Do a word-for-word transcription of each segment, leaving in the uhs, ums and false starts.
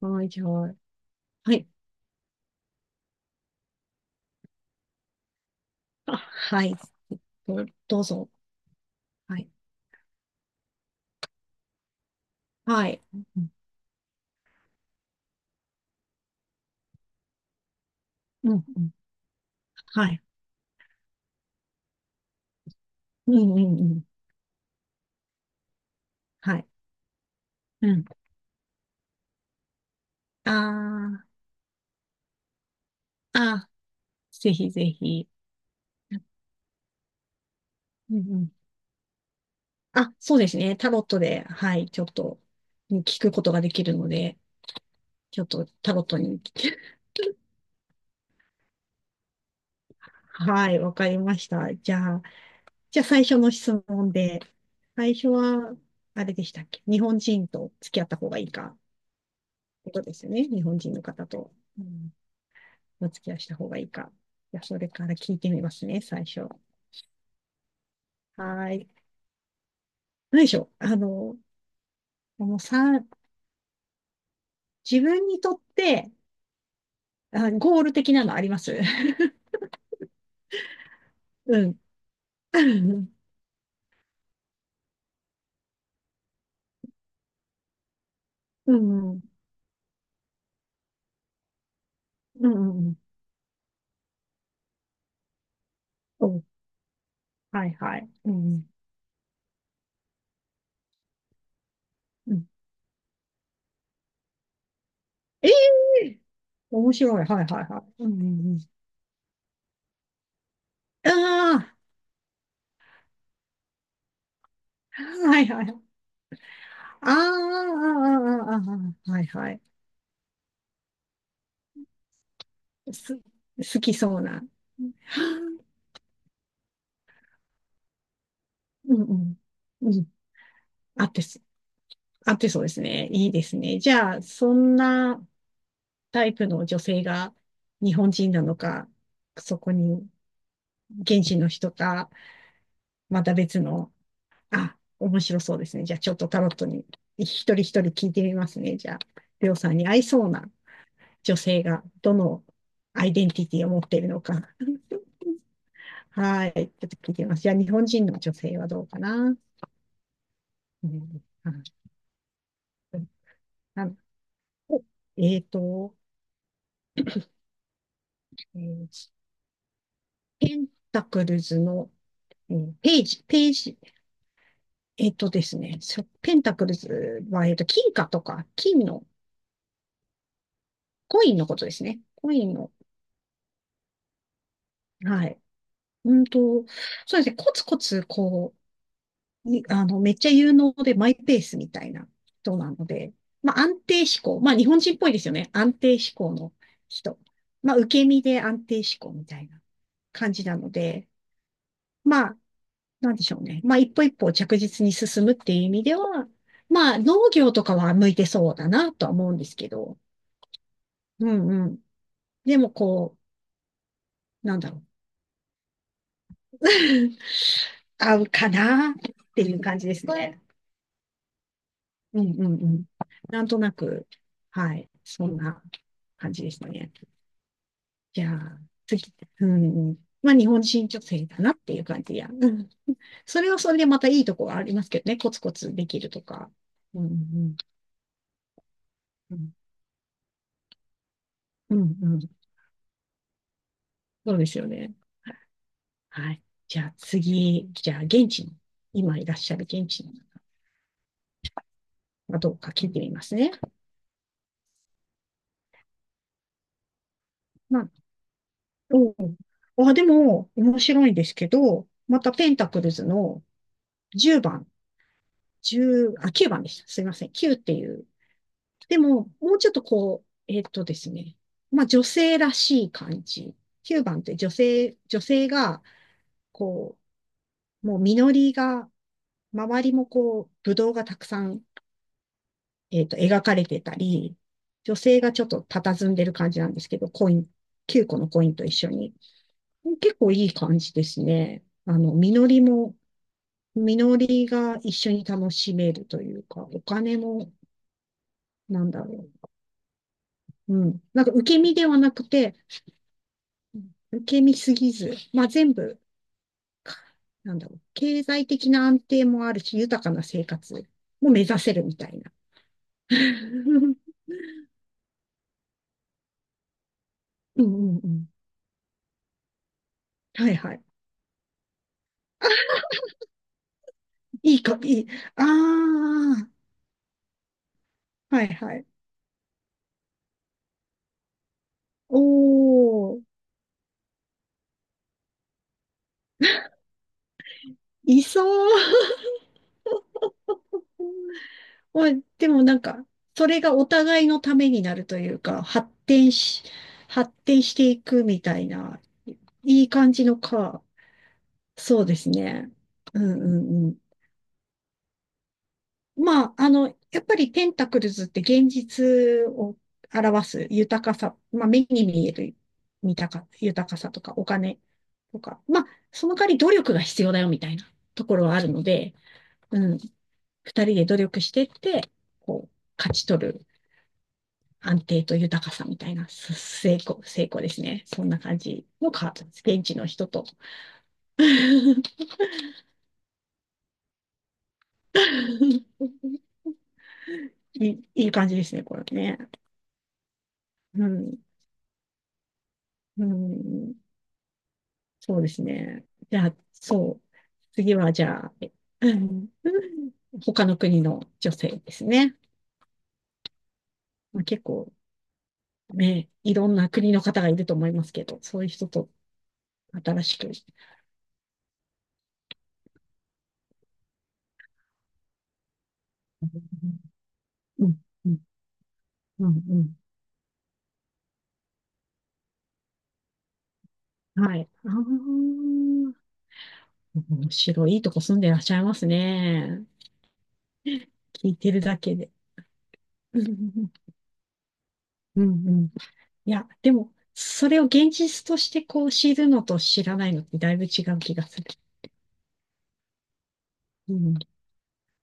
はい、じゃあ、はい。あ、はい。どどうぞ。はい。はい。うん、うん、うん。はい。うん、うん、うん。はい。うん。ああ、あー、ぜひぜひ。うん、うん。あ、そうですね。タロットで、はい、ちょっと、ね聞くことができるので、ちょっとタロットに。はい、わかりました。じゃあ、じゃあ最初の質問で、最初は、あれでしたっけ、日本人と付き合った方がいいか、ことですよね。日本人の方と。うん、お付き合いした方がいいか。じゃ、それから聞いてみますね、最初。はーい。何でしょう。あの、もうさ、自分にとって、あ、ゴール的なのあります？ うん。うん。うん。うん。うん。お、はいはい。うん。うん。ええー、面白い。はいはいはい。うんうんうん。ああー、はいはい。ああ、ああ、ああ、ああ、はいはいはい、うんうん、あ、はいはい、ああああああああ、はいはい、す、好きそうな。はあ、うんうん。うん。あって、あ、で、そうですね。いいですね。じゃあ、そんなタイプの女性が日本人なのか、そこに現地の人か、また別の、あ、面白そうですね。じゃあ、ちょっとタロットに一人一人聞いてみますね。じゃあ、りょうさんに合いそうな女性がどのアイデンティティを持っているのか。はい。ちょっと聞いてみます。じゃあ、日本人の女性はどうかな。うん、ああ、お、えっと、えーペンタクルズの、うん、ページ、ページ、えっとですね、そ、ペンタクルズは、えっと、金貨とか、金の、コインのことですね。コインの、はい。うんと、そうですね、コツコツ、こう、に、あの、めっちゃ有能でマイペースみたいな人なので、まあ、安定志向。まあ、日本人っぽいですよね。安定志向の人。まあ、受け身で安定志向みたいな感じなので、まあ、なんでしょうね。まあ、一歩一歩着実に進むっていう意味では、まあ、農業とかは向いてそうだなとは思うんですけど、うんうん。でも、こう、なんだろう。合うかなっていう感じですね。うんうんうん。なんとなく、はい、そんな感じですね。じゃあ、次、うんうん。まあ、日本人女性だなっていう感じや。うん。それはそれでまたいいとこはありますけどね。コツコツできるとか。うんうんうん。うんうん、そうですよね。はい。じゃあ次、じゃあ現地に、今いらっしゃる現地の方がどうか聞いてみますね。まあ、おう、あ、でも、面白いですけど、またペンタクルズのじゅうばん、いち、あ、きゅうばんでした。すいません。きゅうっていう。でも、もうちょっとこう、えーっとですね。まあ、女性らしい感じ。きゅうばんって女性、女性が、こう、もう実りが、周りもこう、ぶどうがたくさん、えっと、描かれてたり、女性がちょっと佇んでる感じなんですけど、コイン、きゅうこのコインと一緒に。結構いい感じですね。あの、実りも、実りが一緒に楽しめるというか、お金も、なんだろう。うん。なんか受け身ではなくて、受け身すぎず、まあ全部、か、なんだろう。経済的な安定もあるし、豊かな生活も目指せるみたいな。うんうんうん。はいはい。いいか、いい。ああ、はいはい。おー、いそう。まあ、でもなんか、それがお互いのためになるというか、発展し、発展していくみたいな、いい感じのか。そうですね。うんうん、まあ、あの、やっぱりテンタクルズって現実を表す豊かさ、まあ、目に見える豊か、豊かさとかお金とか、まあ、その代わり努力が必要だよみたいなところはあるので、うん、二人で努力してって、こう、勝ち取る安定と豊かさみたいな、す、成功、成功ですね。そんな感じのカードです。現地の人と。いい、いい感じですね、これね。うん、うん、そうですね。じゃあ、そう。次は、じゃあ、え、 他の国の女性ですね。まあ、結構、ね、いろんな国の方がいると思いますけど、そういう人と新しく。うん、うん、うん、うん、はい。ああ、面白い。いいとこ住んでらっしゃいますね。聞いてるだけで。うん、うん、うん。いや、でも、それを現実としてこう知るのと知らないのってだいぶ違う気がする。うん、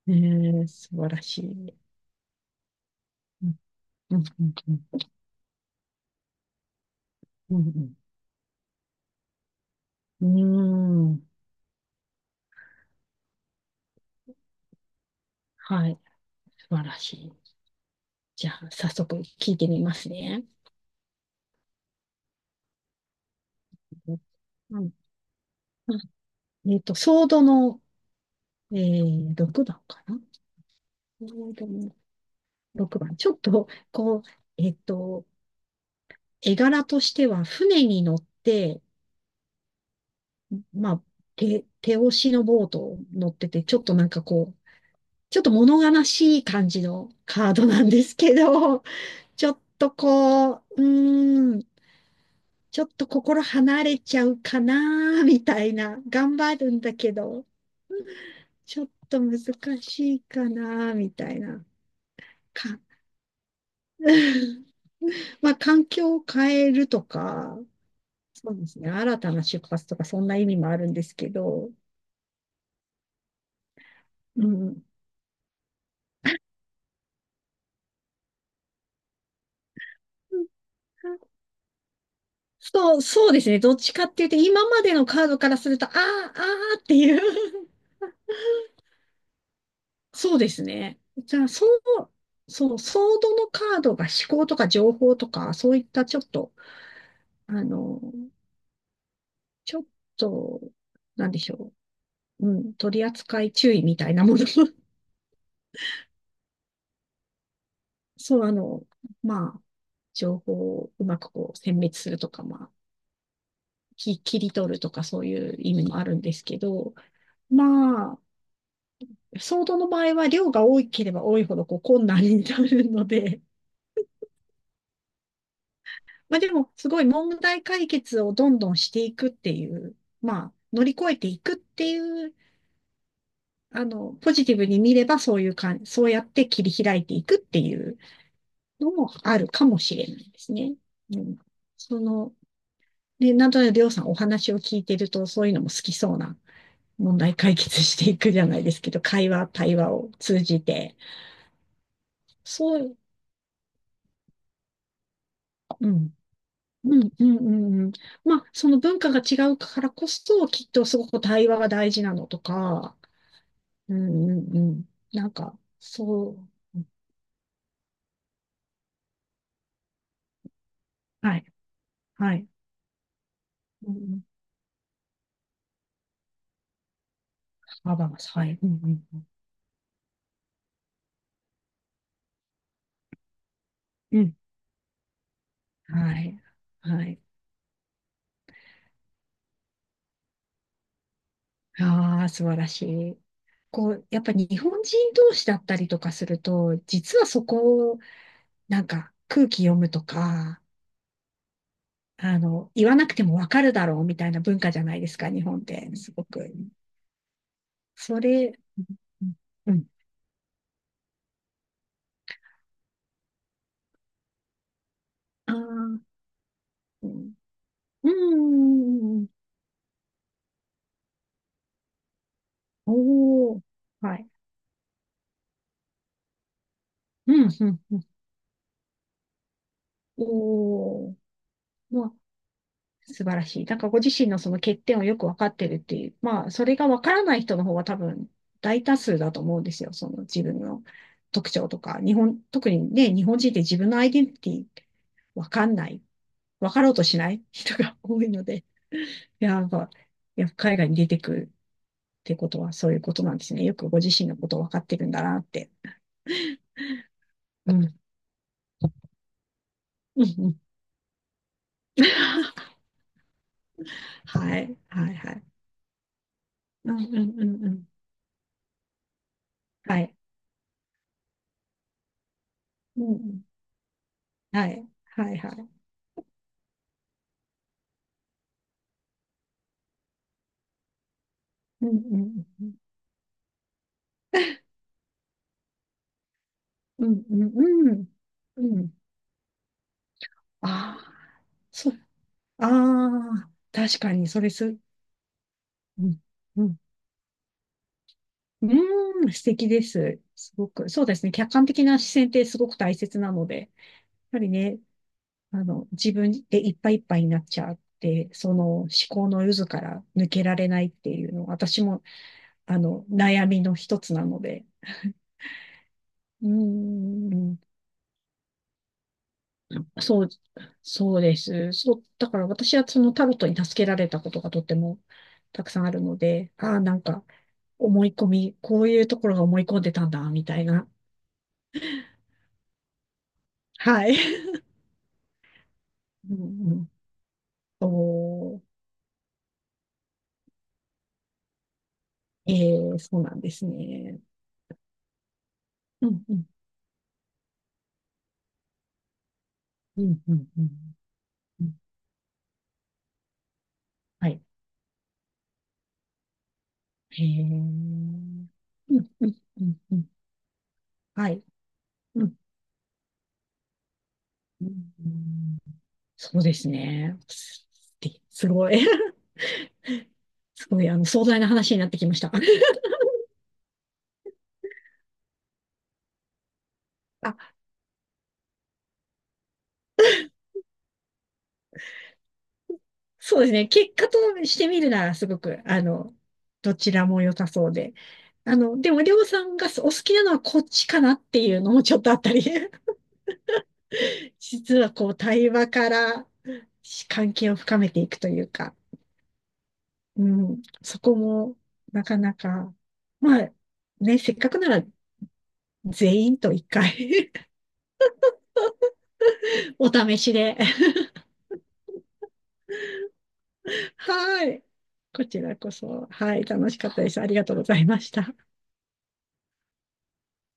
ねえ、素晴らしい。うん、うん、うん、うん。うんうん、はい、素晴らしい。じゃあ、早速聞いてみますね。うん、あ、えっと、ソードの、えー、ろくばんかな、ソードのろくばん。ちょっと、こう、えっと、絵柄としては、船に乗って、まあ、手、手押しのボートを乗ってて、ちょっとなんかこう、ちょっと物悲しい感じのカードなんですけど、ちょっとこう、うーん、ちょっと心離れちゃうかな、みたいな。頑張るんだけど、ちょっと難しいかな、みたいな。か、まあ、環境を変えるとか、そうですね。新たな出発とか、そんな意味もあるんですけど、うん。そう、そうですね。どっちかっていうと、今までのカードからすると、ああ、ああっていう、そうですね。じゃあ、そう、そう、ソードのカードが思考とか情報とか、そういったちょっと、あの、ちょっと、なんでしょう。うん、取り扱い注意みたいなもの。そう、あの、まあ、情報をうまくこう、選別するとか、まあ、き、切り取るとか、そういう意味もあるんですけど、まあ、ソードの場合は量が多ければ多いほどこう困難になるので、まあでも、すごい問題解決をどんどんしていくっていう、まあ、乗り越えていくっていう、あの、ポジティブに見ればそういう感じ、そうやって切り開いていくっていうのもあるかもしれないですね。うん。その、ね、なんとなくりょうさんお話を聞いてると、そういうのも好きそうな、問題解決していくじゃないですけど、会話、対話を通じて、そう、うん。うん、うん、うんうん。まあ、その文化が違うからこそ、きっとすごく対話が大事なのとか、うんうんうん。なんか、そう。はい。はい。うん、幅が、はい。うんうんうん。うん。はい。はい。ああ、素晴らしい。こう、やっぱ日本人同士だったりとかすると、実はそこを、なんか空気読むとか、あの、言わなくてもわかるだろうみたいな文化じゃないですか、日本って。すごく。それ、うんうん。ああー、うん。うん。おお。はい。うん、うん、うん。おお、まあ、素晴らしい。なんかご自身のその欠点をよくわかってるっていう、まあ、それがわからない人の方が多分大多数だと思うんですよ。その自分の特徴とか、日本、特にね、日本人って自分のアイデンティティわかんない、わかろうとしない人が多いので、いや、なんか、いや、海外に出てくるってことはそういうことなんですね。よくご自身のことをわかってるんだなって。うん。うんうん。はい、はい、はい。うんうんうんうん。はい。うんうん、はい。はいはい。うんうんうん。うんうんうん。うん。ああ、そう。ああ、確かに、それす、うん。うん。うーん、素敵です。すごく。そうですね。客観的な視線ってすごく大切なので、やっぱりね、あの、自分でいっぱいいっぱいになっちゃって、その思考の渦から抜けられないっていうの、私も、あの、悩みの一つなので、うーん。そう、そうです。そう、だから私はそのタロットに助けられたことがとってもたくさんあるので、ああ、なんか思い込み、こういうところが思い込んでたんだ、みたいな。はい。うんうん、そう、えー、そうなんですね。うんうん、うん、うん、うん。うん、はい。へえ。うん、うん、うん、うん。はい。うん、うん、うん、そうですね。す、す、すごい。すごい、あの、壮大な話になってきました。あ、そうですね。結果としてみるなら、すごく、あの、どちらも良さそうで。あの、でも、りょうさんがお好きなのはこっちかなっていうのもちょっとあったり。実は、こう、対話から関係を深めていくというか、うん、そこも、なかなか、まあ、ね、せっかくなら、全員と一回 お試しで。はい。こちらこそ、はい、楽しかったです。ありがとうございました。